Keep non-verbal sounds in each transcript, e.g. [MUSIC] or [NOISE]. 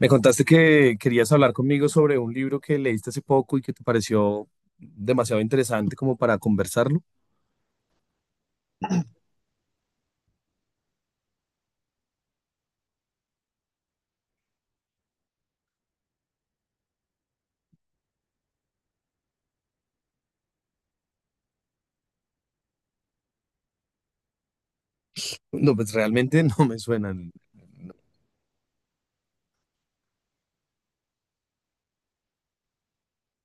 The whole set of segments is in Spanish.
Me contaste que querías hablar conmigo sobre un libro que leíste hace poco y que te pareció demasiado interesante como para conversarlo. No, pues realmente [LAUGHS] no me suena.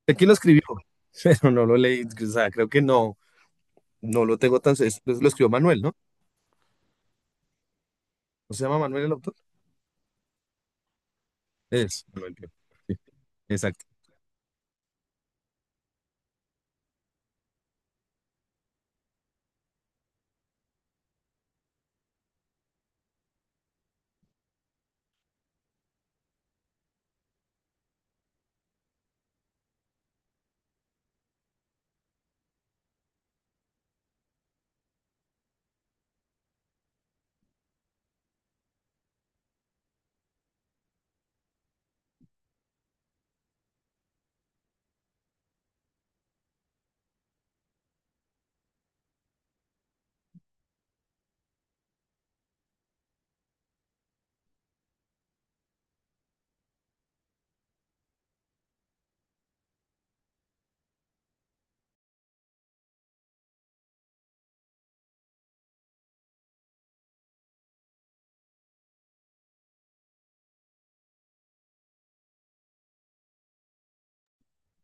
Sé quién lo escribió, [LAUGHS] pero no lo leí. O sea, creo que no, no lo tengo tan... pues, lo escribió Manuel, ¿no? ¿No se llama Manuel el autor? Es Manuel, creo. Sí, exacto.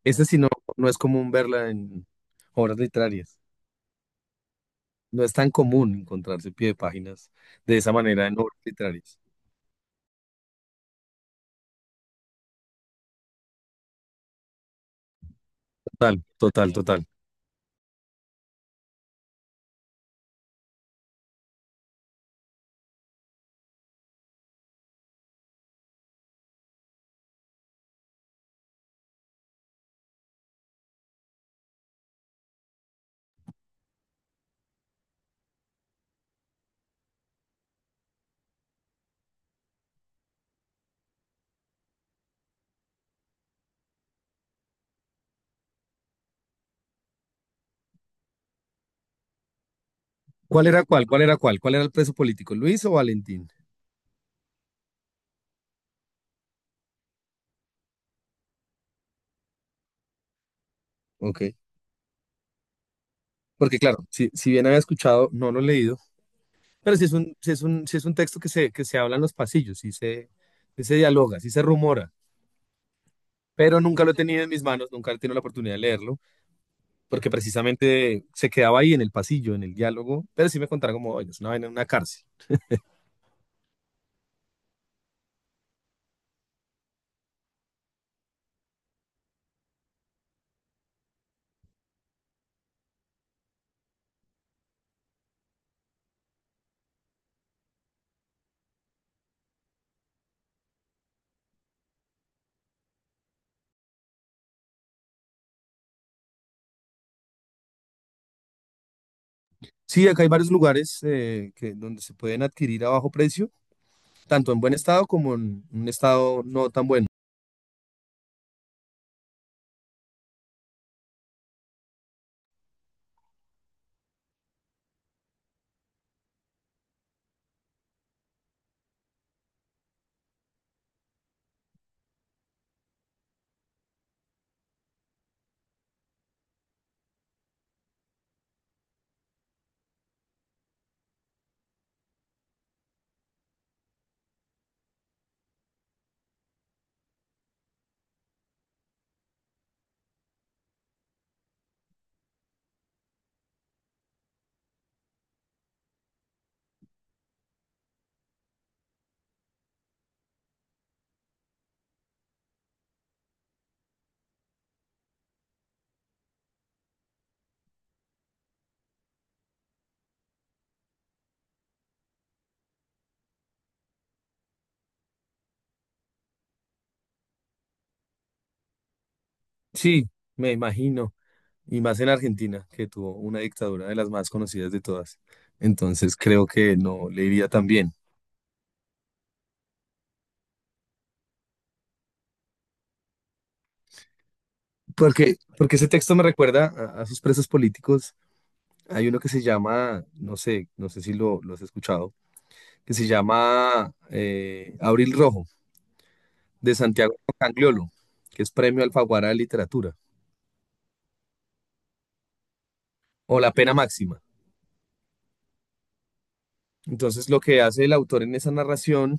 Ese sí no, no es común verla en obras literarias. No es tan común encontrarse pie de páginas de esa manera en obras literarias. Total, total, total. ¿Cuál era cuál? ¿Cuál era cuál? ¿Cuál era el preso político? ¿Luis o Valentín? Ok. Porque claro, si bien había escuchado, no lo he leído, pero si es un, sí es un, sí es un texto que que se habla en los pasillos, sí se dialoga, sí se rumora, pero nunca lo he tenido en mis manos, nunca he tenido la oportunidad de leerlo, porque precisamente se quedaba ahí en el pasillo, en el diálogo, pero sí me contaron como, oye, es una vaina en una cárcel. Sí, acá hay varios lugares que, donde se pueden adquirir a bajo precio, tanto en buen estado como en un estado no tan bueno. Sí, me imagino. Y más en Argentina, que tuvo una dictadura de las más conocidas de todas. Entonces creo que no le iría tan bien. Porque, porque ese texto me recuerda a sus presos políticos. Hay uno que se llama, no sé, no sé si lo has escuchado, que se llama Abril Rojo, de Santiago Cangliolo, que es premio Alfaguara de Literatura, o La Pena Máxima. Entonces lo que hace el autor en esa narración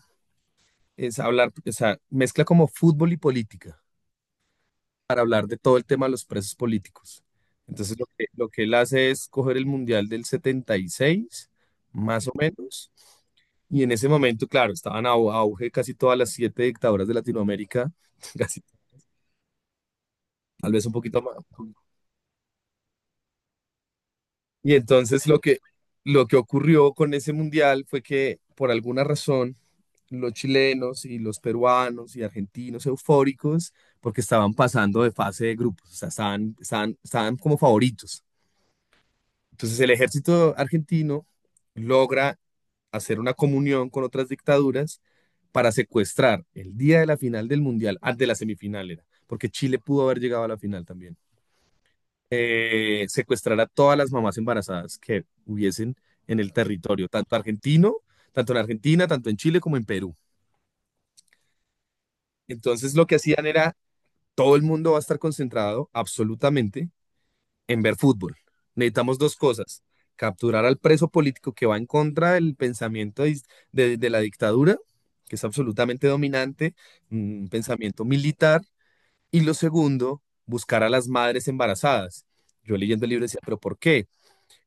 es hablar, o sea, mezcla como fútbol y política, para hablar de todo el tema de los presos políticos. Entonces, lo que él hace es coger el Mundial del 76, más o menos, y en ese momento, claro, estaban a auge casi todas las siete dictaduras de Latinoamérica, [LAUGHS] casi, tal vez un poquito más. Y entonces lo que ocurrió con ese mundial fue que, por alguna razón, los chilenos y los peruanos y argentinos eufóricos, porque estaban pasando de fase de grupos, o sea, estaban como favoritos. Entonces el ejército argentino logra hacer una comunión con otras dictaduras para secuestrar el día de la final del Mundial, antes de la semifinal era, porque Chile pudo haber llegado a la final también, secuestrar a todas las mamás embarazadas que hubiesen en el territorio, tanto argentino, tanto en Argentina, tanto en Chile como en Perú. Entonces lo que hacían era, todo el mundo va a estar concentrado absolutamente en ver fútbol. Necesitamos dos cosas. Capturar al preso político que va en contra del pensamiento de la dictadura, que es absolutamente dominante, un pensamiento militar. Y lo segundo, buscar a las madres embarazadas. Yo leyendo el libro decía, pero ¿por qué?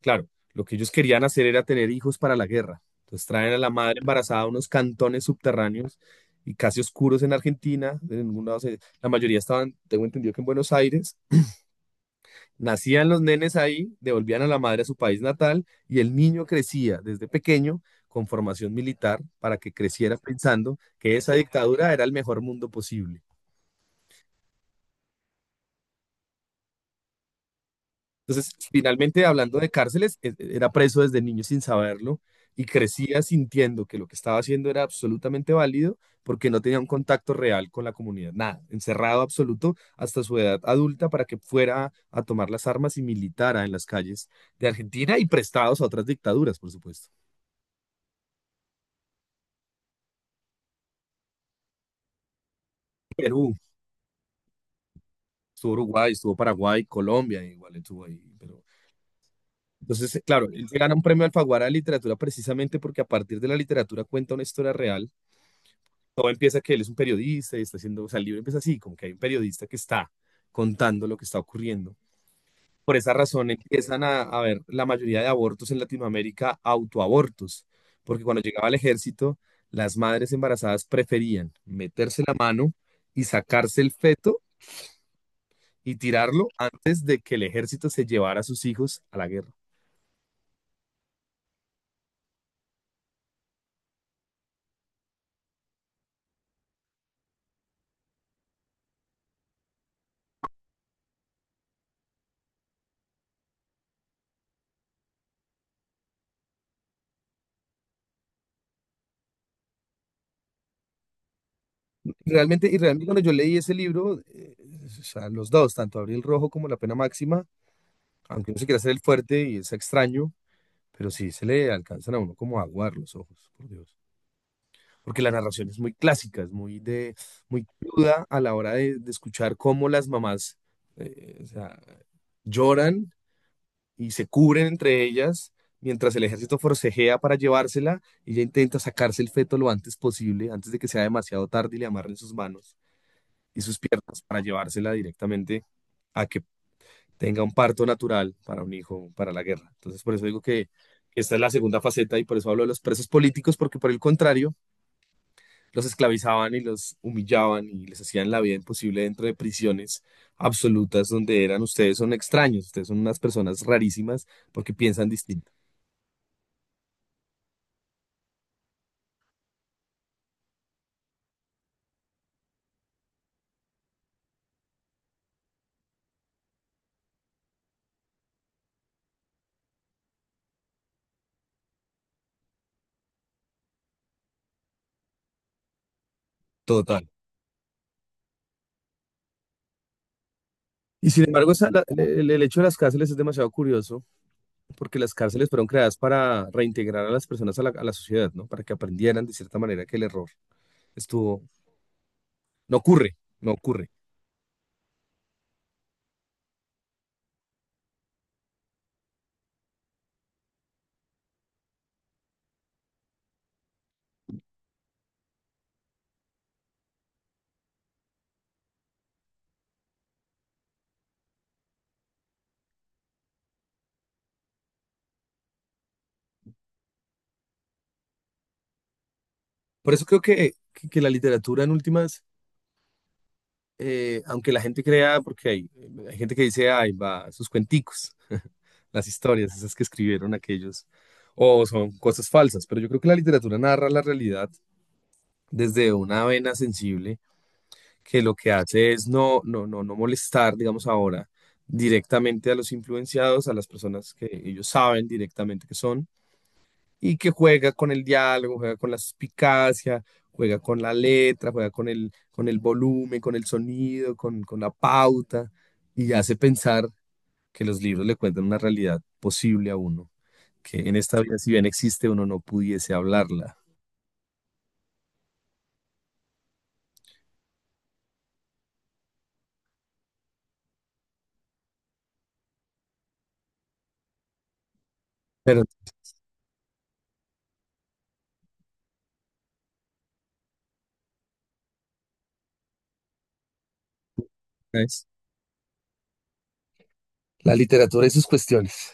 Claro, lo que ellos querían hacer era tener hijos para la guerra. Entonces traen a la madre embarazada a unos cantones subterráneos y casi oscuros en Argentina. En ningún lado la mayoría estaban, tengo entendido que en Buenos Aires nacían los nenes ahí, devolvían a la madre a su país natal y el niño crecía desde pequeño con formación militar para que creciera pensando que esa dictadura era el mejor mundo posible. Entonces, finalmente, hablando de cárceles, era preso desde niño sin saberlo y crecía sintiendo que lo que estaba haciendo era absolutamente válido porque no tenía un contacto real con la comunidad, nada, encerrado absoluto hasta su edad adulta para que fuera a tomar las armas y militara en las calles de Argentina y prestados a otras dictaduras, por supuesto. Perú, estuvo Uruguay, estuvo Paraguay, Colombia, igual estuvo ahí. Pero... Entonces, claro, él se gana un premio Alfaguara de literatura precisamente porque a partir de la literatura cuenta una historia real. Todo empieza que él es un periodista y está haciendo, o sea, el libro empieza así, como que hay un periodista que está contando lo que está ocurriendo. Por esa razón empiezan a ver la mayoría de abortos en Latinoamérica autoabortos, porque cuando llegaba el ejército, las madres embarazadas preferían meterse la mano y sacarse el feto y tirarlo antes de que el ejército se llevara a sus hijos a la guerra. Realmente, y realmente cuando yo leí ese libro, o sea, los dos, tanto Abril Rojo como La Pena Máxima, aunque no se quiera hacer el fuerte y es extraño, pero sí se le alcanzan a uno como a aguar los ojos, por Dios. Porque la narración es muy clásica, es muy, de, muy cruda a la hora de escuchar cómo las mamás o sea, lloran y se cubren entre ellas mientras el ejército forcejea para llevársela. Ella intenta sacarse el feto lo antes posible, antes de que sea demasiado tarde y le amarren sus manos y sus piernas para llevársela directamente a que tenga un parto natural para un hijo, para la guerra. Entonces, por eso digo que esta es la segunda faceta y por eso hablo de los presos políticos, porque por el contrario, los esclavizaban y los humillaban y les hacían la vida imposible dentro de prisiones absolutas donde eran ustedes son extraños, ustedes son unas personas rarísimas porque piensan distinto. Total. Y sin embargo, el hecho de las cárceles es demasiado curioso, porque las cárceles fueron creadas para reintegrar a las personas a la sociedad, ¿no? Para que aprendieran de cierta manera que el error estuvo, no ocurre, no ocurre. Por eso creo que la literatura en últimas, aunque la gente crea, porque hay gente que dice, ay, va, sus cuenticos, [LAUGHS] las historias, esas que escribieron aquellos, o son cosas falsas, pero yo creo que la literatura narra la realidad desde una vena sensible que lo que hace es no molestar, digamos ahora, directamente a los influenciados, a las personas que ellos saben directamente que son, y que juega con el diálogo, juega con la suspicacia, juega con la letra, juega con el volumen, con el sonido, con la pauta, y hace pensar que los libros le cuentan una realidad posible a uno, que en esta vida, si bien existe, uno no pudiese hablarla. Pero, ¿sabes? La literatura y sus cuestiones.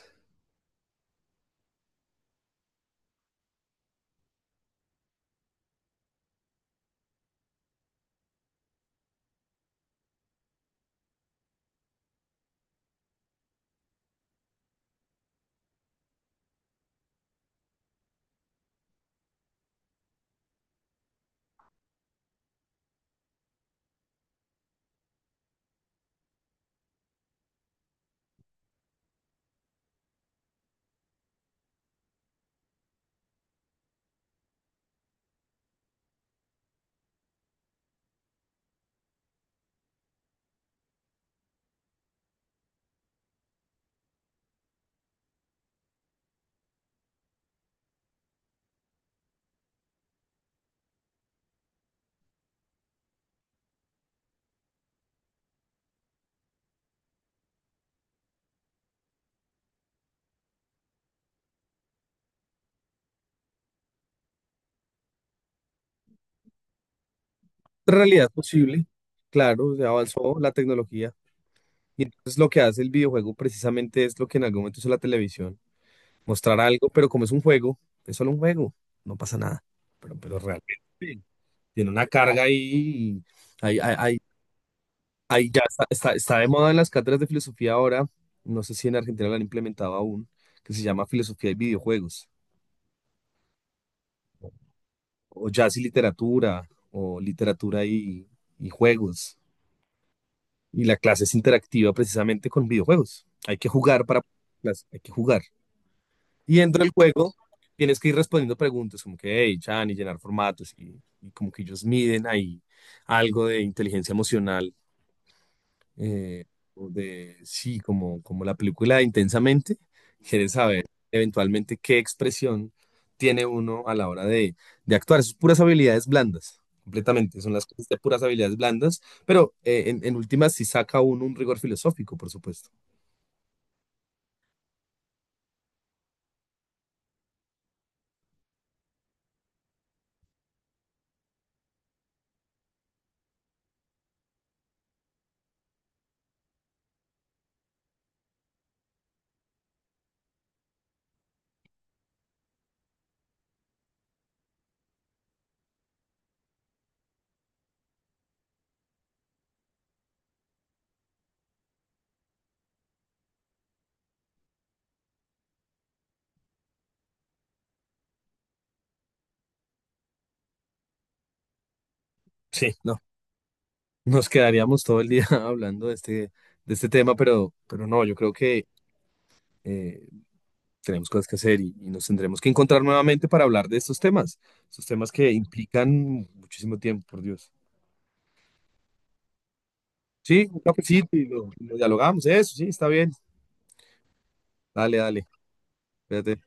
Realidad posible, claro, ya avanzó la tecnología y entonces lo que hace el videojuego precisamente es lo que en algún momento hizo la televisión, mostrar algo, pero como es un juego, es solo un juego, no pasa nada, pero realmente tiene una carga ahí, y ahí, ahí, ahí- ahí ya está, está de moda en las cátedras de filosofía ahora, no sé si en Argentina lo han implementado aún, que se llama filosofía y videojuegos, o jazz y literatura, o literatura y juegos. Y la clase es interactiva precisamente con videojuegos. Hay que jugar para clase, hay que jugar. Y dentro del juego tienes que ir respondiendo preguntas como que, hey, Chan, y llenar formatos y como que ellos miden ahí algo de inteligencia emocional eh, o de, sí, como, como la película de Intensamente, quieres saber eventualmente qué expresión tiene uno a la hora de actuar. Es puras habilidades blandas, completamente, son las cosas de puras habilidades blandas, pero en últimas sí saca uno un rigor filosófico, por supuesto. Sí, no, nos quedaríamos todo el día [LAUGHS] hablando de este tema, pero no, yo creo que... eh, tenemos cosas que hacer y nos tendremos que encontrar nuevamente para hablar de estos temas que implican muchísimo tiempo, por Dios. Sí, un cafecito y lo dialogamos, eso, sí, está bien. Dale, dale, espérate.